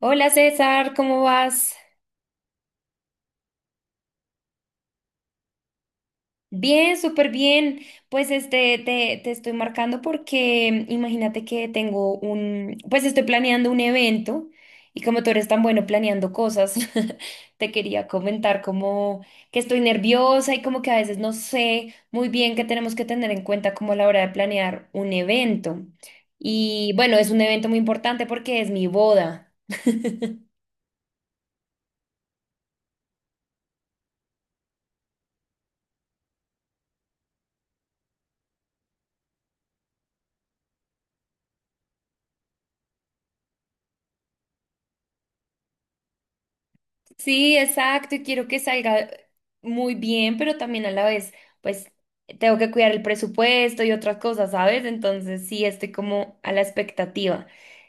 Hola César, ¿cómo vas? Bien, súper bien. Pues te estoy marcando porque imagínate que tengo pues estoy planeando un evento y como tú eres tan bueno planeando cosas, te quería comentar como que estoy nerviosa y como que a veces no sé muy bien qué tenemos que tener en cuenta como a la hora de planear un evento. Y bueno, es un evento muy importante porque es mi boda. Sí, exacto, y quiero que salga muy bien, pero también a la vez, pues tengo que cuidar el presupuesto y otras cosas, ¿sabes? Entonces sí, estoy como a la expectativa.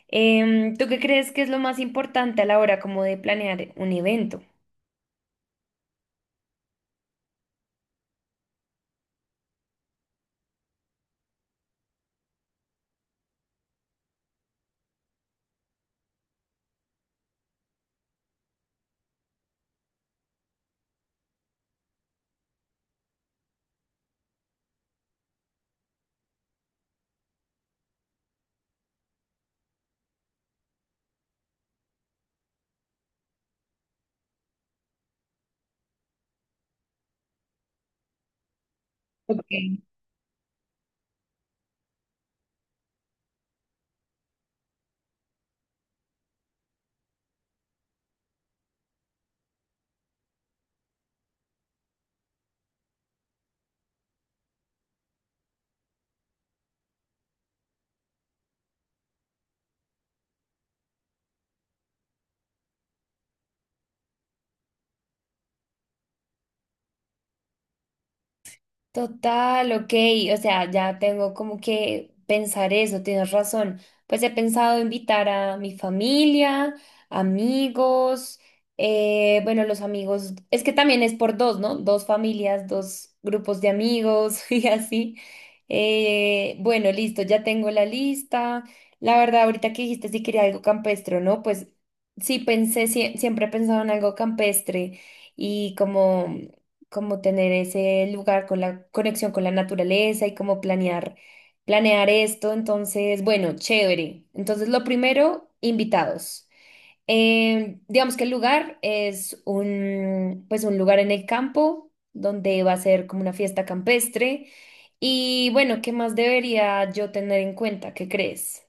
¿Tú qué crees que es lo más importante a la hora como de planear un evento? Total, ok, o sea, ya tengo como que pensar eso, tienes razón. Pues he pensado invitar a mi familia, amigos, bueno, los amigos, es que también es por dos, ¿no? Dos familias, dos grupos de amigos y así. Bueno, listo, ya tengo la lista. La verdad, ahorita que dijiste si quería algo campestre, o ¿no? Pues sí pensé, siempre he pensado en algo campestre y como tener ese lugar con la conexión con la naturaleza y como planear esto. Entonces, bueno, chévere. Entonces, lo primero, invitados. Digamos que el lugar es pues un lugar en el campo donde va a ser como una fiesta campestre. Y bueno, ¿qué más debería yo tener en cuenta? ¿Qué crees?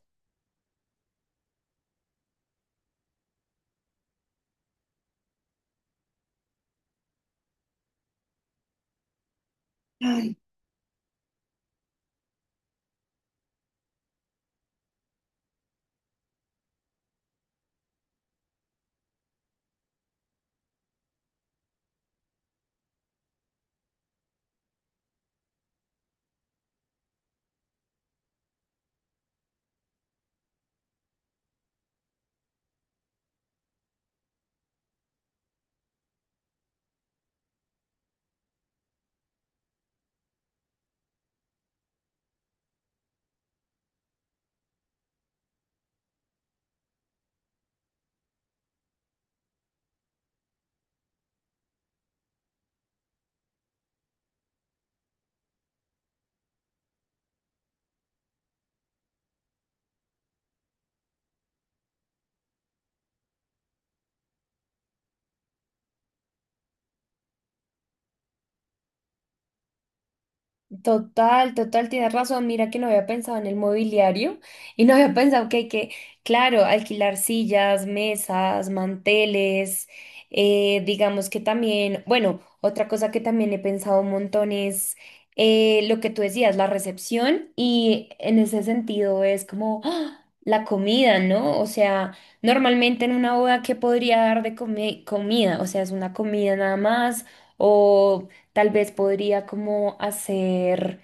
Total, total, tienes razón. Mira que no había pensado en el mobiliario y no había pensado que hay claro, alquilar sillas, mesas, manteles, digamos que también, bueno, otra cosa que también he pensado un montón es lo que tú decías, la recepción y en ese sentido es como ¡ah! La comida, ¿no? O sea, normalmente en una boda, ¿qué podría dar de comida? O sea, es una comida nada más. O tal vez podría como hacer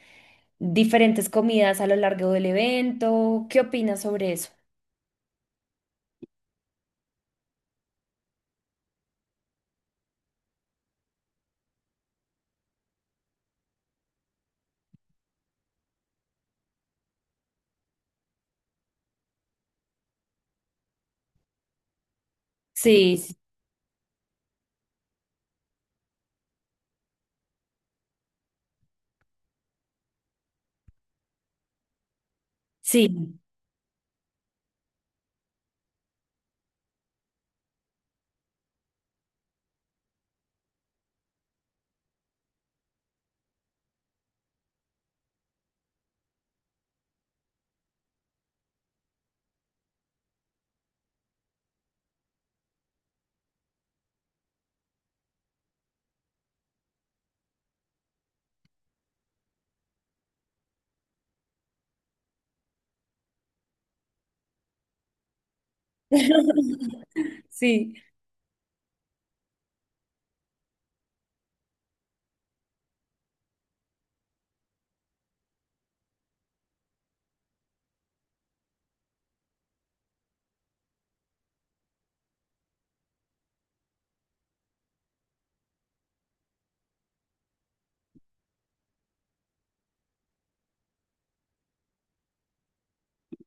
diferentes comidas a lo largo del evento. ¿Qué opinas sobre eso? Sí, sí. Sí, sí.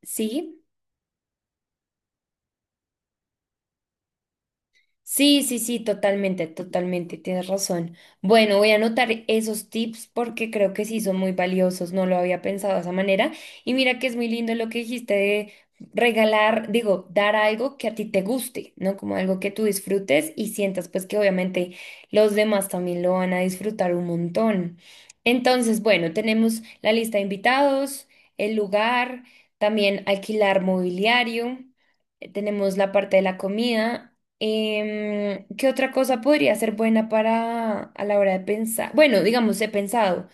Sí, sí, sí, sí, totalmente, totalmente, tienes razón. Bueno, voy a anotar esos tips porque creo que sí son muy valiosos, no lo había pensado de esa manera. Y mira que es muy lindo lo que dijiste de regalar, digo, dar algo que a ti te guste, ¿no? Como algo que tú disfrutes y sientas pues que obviamente los demás también lo van a disfrutar un montón. Entonces, bueno, tenemos la lista de invitados, el lugar, también alquilar mobiliario. Tenemos la parte de la comida. ¿Qué otra cosa podría ser buena para a la hora de pensar? Bueno, digamos, he pensado,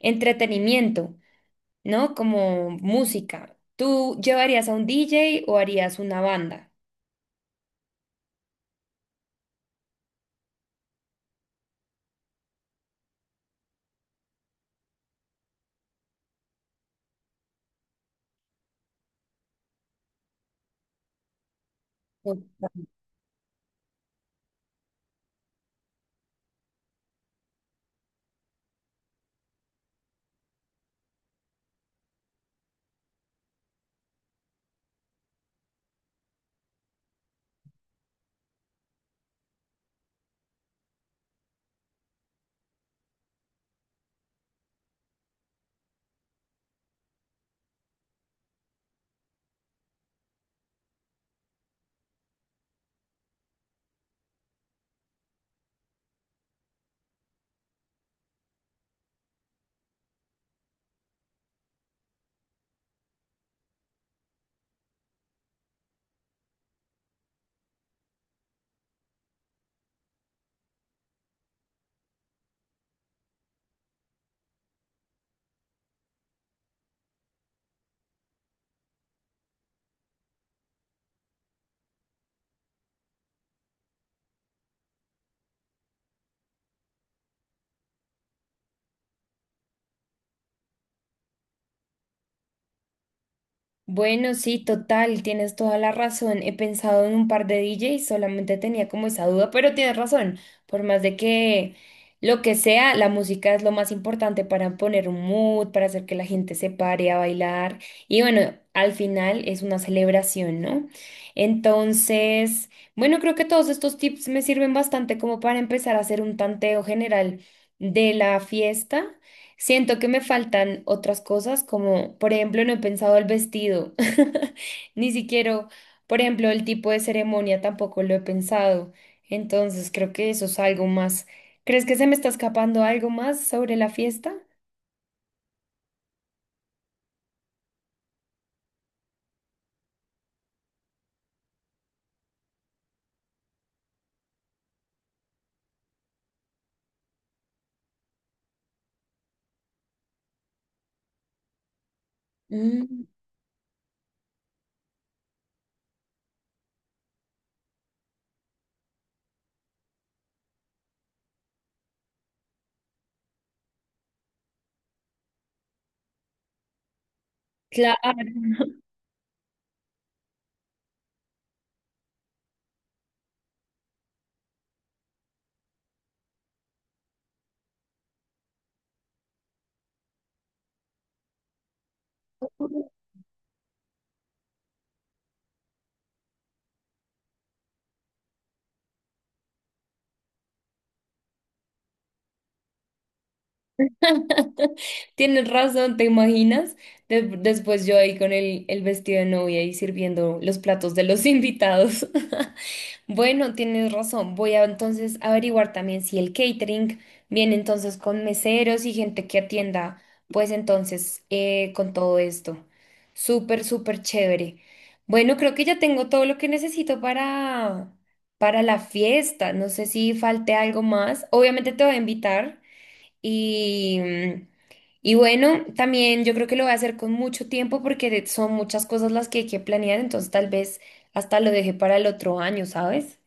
entretenimiento, ¿no? Como música. ¿Tú llevarías a un DJ o harías una banda? Ok. Bueno, sí, total, tienes toda la razón. He pensado en un par de D DJs, solamente tenía como esa duda, pero tienes razón. Por más de que lo que sea, la música es lo más importante para poner un mood, para hacer que la gente se pare a bailar. Y bueno, al final es una celebración, ¿no? Entonces, bueno, creo que todos estos tips me sirven bastante como para empezar a hacer un tanteo general de la fiesta. Siento que me faltan otras cosas, como por ejemplo, no he pensado el vestido, ni siquiera, por ejemplo, el tipo de ceremonia tampoco lo he pensado. Entonces, creo que eso es algo más. ¿Crees que se me está escapando algo más sobre la fiesta? Mm, claro. Tienes razón, ¿te imaginas? Después yo ahí con el vestido de novia y sirviendo los platos de los invitados. Bueno, tienes razón. Voy a entonces averiguar también si el catering viene entonces con meseros y gente que atienda, pues entonces con todo esto. Súper, súper chévere. Bueno, creo que ya tengo todo lo que necesito para la fiesta. No sé si falte algo más. Obviamente te voy a invitar y, mm, y bueno, también yo creo que lo voy a hacer con mucho tiempo porque son muchas cosas las que hay que planear, entonces tal vez hasta lo deje para el otro año, ¿sabes?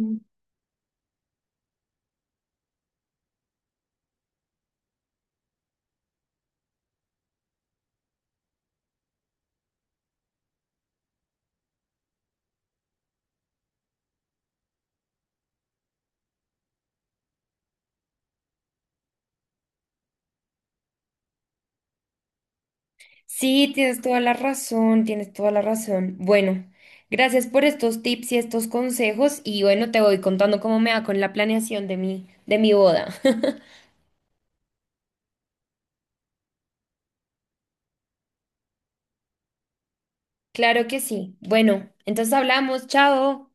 Mm. Sí, tienes toda la razón, tienes toda la razón. Bueno, gracias por estos tips y estos consejos y bueno, te voy contando cómo me va con la planeación de de mi boda. Claro que sí. Bueno, entonces hablamos, chao.